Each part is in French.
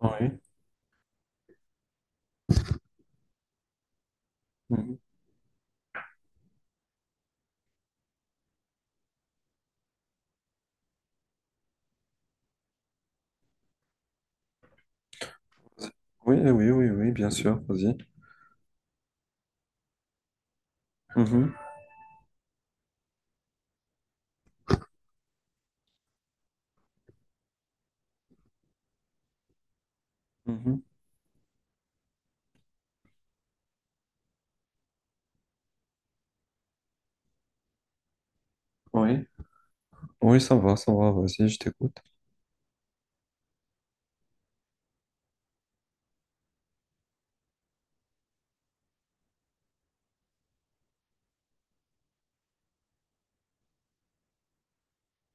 Oui. Mhm. Oui, oui, oui, oui, oui, bien sûr, vas-y. Mhm, Mhm. Oui. Oui, ça va, vas-y, je t'écoute.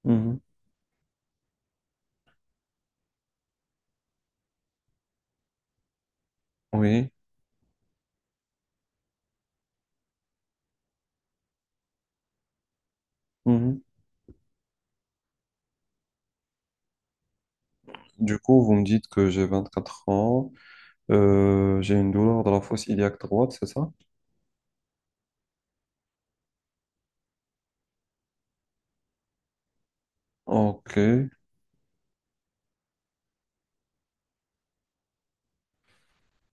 Mhm, Oui. Mhm. Du coup, vous me dites que j'ai 24 ans, j'ai une douleur de la fosse iliaque droite, c'est ça? Ok.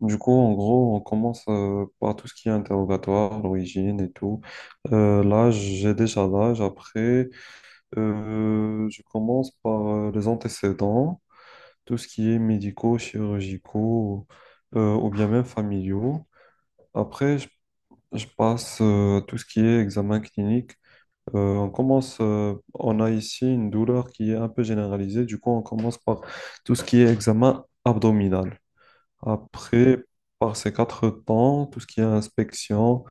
Du coup, en gros, on commence par tout ce qui est interrogatoire, l'origine et tout. L'âge, j'ai déjà l'âge. Après, je commence par les antécédents. Tout ce qui est médicaux, chirurgicaux, ou bien même familiaux. Après, je passe tout ce qui est examen clinique. On a ici une douleur qui est un peu généralisée. Du coup, on commence par tout ce qui est examen abdominal. Après, par ces quatre temps, tout ce qui est inspection,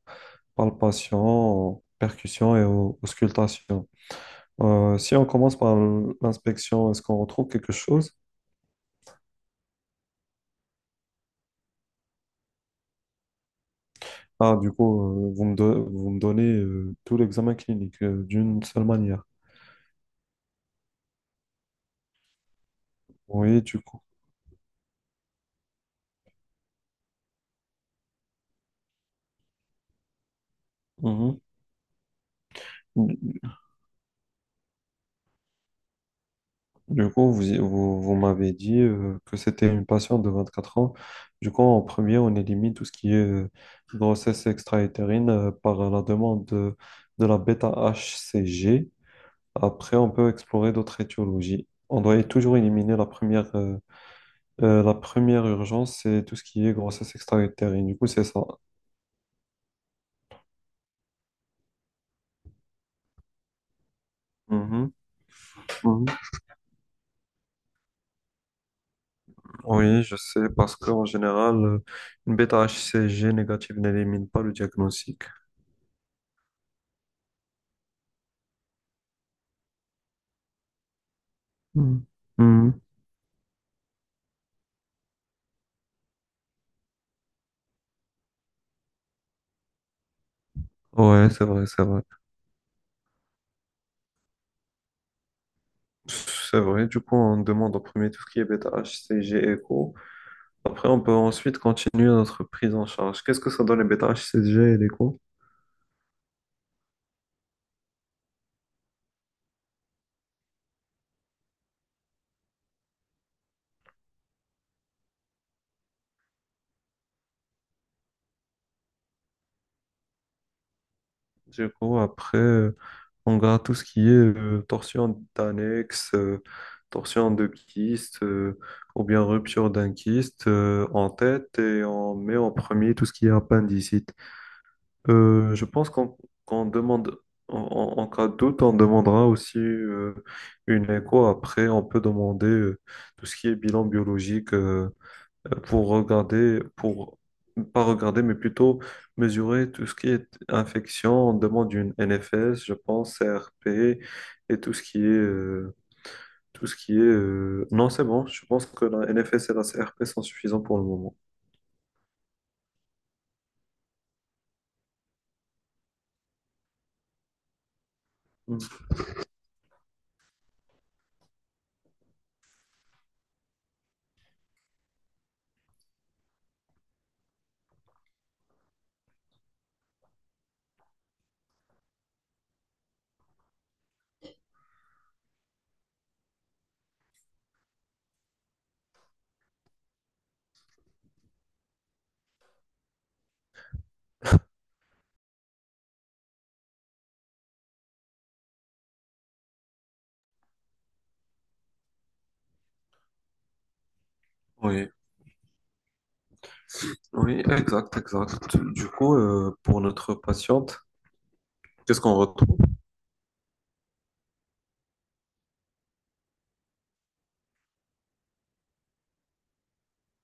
palpation, percussion et auscultation. Si on commence par l'inspection, est-ce qu'on retrouve quelque chose? Ah, du coup, vous me donnez tout l'examen clinique d'une seule manière. Oui, du coup. Mhm. Du du coup, vous m'avez dit que c'était une patiente de 24 ans. Du coup, en premier, on élimine tout ce qui est grossesse extra-utérine par la demande de la bêta-HCG. Après, on peut explorer d'autres étiologies. On doit toujours éliminer la première urgence, c'est tout ce qui est grossesse extra-utérine. Du coup, c'est ça. Mhm. Oui, je sais, parce qu'en général, une bêta-HCG négative n'élimine pas le diagnostic. Hmm. Mhm. Ouais, c'est vrai, c'est vrai. C'est vrai, du coup, on demande en premier tout ce qui est bêta-HCG écho. Après, on peut ensuite continuer notre prise en charge. Qu'est-ce que ça donne les bêta-HCG et l'écho? Du coup, après, on garde tout ce qui est torsion d'annexe, torsion de kyste, ou bien rupture d'un kyste en tête, et on met en premier tout ce qui est appendicite. Je pense qu'on demande, en cas de doute, on demandera aussi une écho. Après, on peut demander tout ce qui est bilan biologique, pour regarder, pour pas regarder, mais plutôt mesurer tout ce qui est infection. On demande une NFS, je pense, CRP, et tout ce qui est. Non, c'est bon. Je pense que la NFS et la CRP sont suffisants pour le moment. Mm. Oui, oui, exact, exact. Du coup, pour notre patiente, qu'est-ce qu'on retrouve?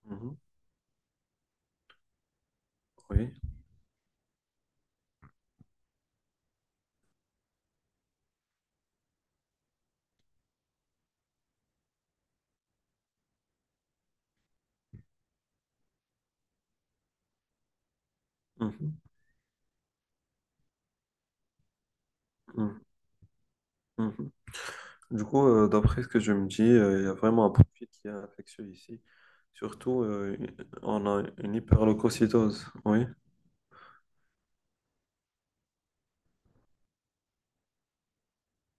Mhm, oui. Mhm, mhm, mhm. Du coup, d'après ce que je me dis, il y a vraiment un profil qui est infectieux ici. Surtout, on a une hyperleucocytose. Oui.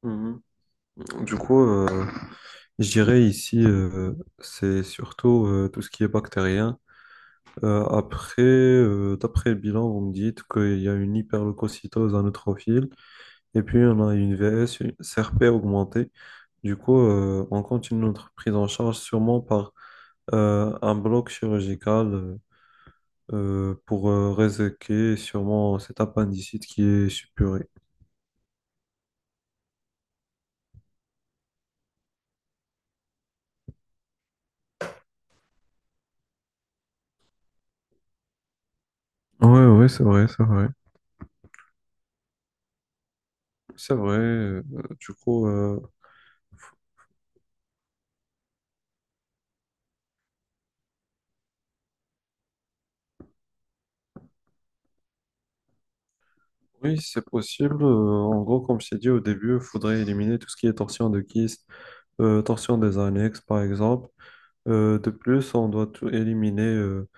Mhm. Du coup, je dirais ici, c'est surtout tout ce qui est bactérien. Après, d'après le bilan, vous me dites qu'il y a une hyperleucocytose à neutrophile. Et puis, on a une VS, une CRP augmentée. Du coup, on continue notre prise en charge sûrement par un bloc chirurgical, pour réséquer sûrement cet appendicite qui est suppuré. Ouais, ouais, c'est vrai, c'est vrai. C'est vrai. Du coup, oui, c'est possible. En gros, comme je t'ai dit au début, il faudrait éliminer tout ce qui est torsion de kyste, torsion des annexes, par exemple. De plus, on doit tout éliminer,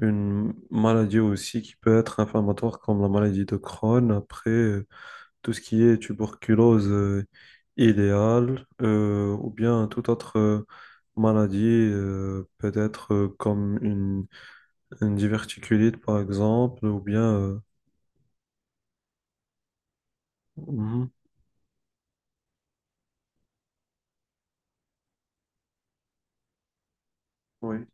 une maladie aussi qui peut être inflammatoire comme la maladie de Crohn. Après, tout ce qui est tuberculose idéale, ou bien toute autre maladie, peut-être comme une diverticulite par exemple, Mhm, oui.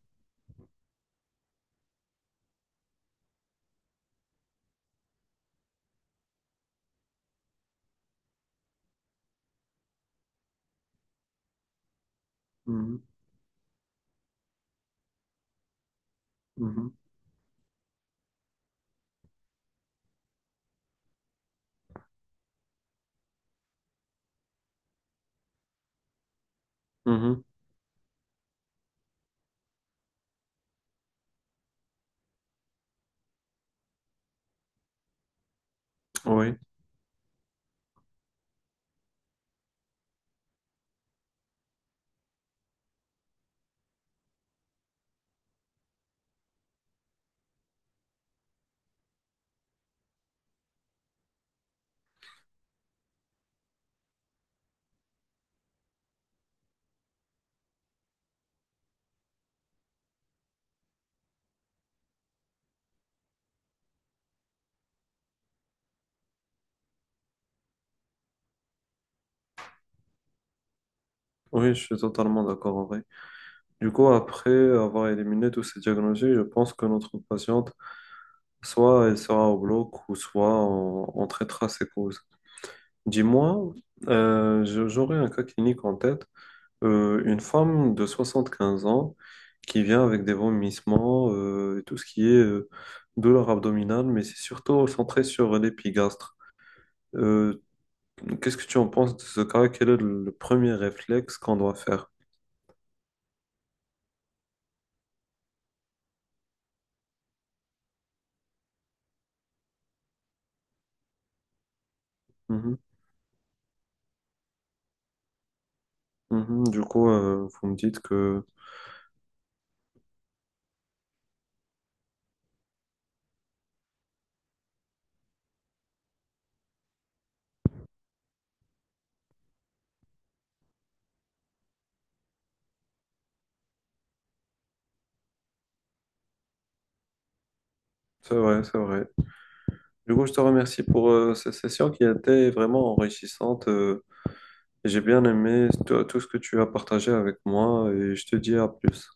Mhm, mhm, mhm, oui. Oui, je suis totalement d'accord en vrai. Du coup, après avoir éliminé tous ces diagnostics, je pense que notre patiente, soit elle sera au bloc, ou soit on traitera ses causes. Dis-moi, j'aurais un cas clinique en tête. Une femme de 75 ans qui vient avec des vomissements, et tout ce qui est douleur abdominale, mais c'est surtout centré sur l'épigastre. Euh, qu'est-ce que tu en penses de ce cas? Quel est le premier réflexe qu'on doit faire? Mhm, mhm. Du coup, vous me dites que c'est vrai, c'est vrai. Du coup, je te remercie pour cette session qui a été vraiment enrichissante. J'ai bien aimé tout tout ce que tu as partagé avec moi, et je te dis à plus.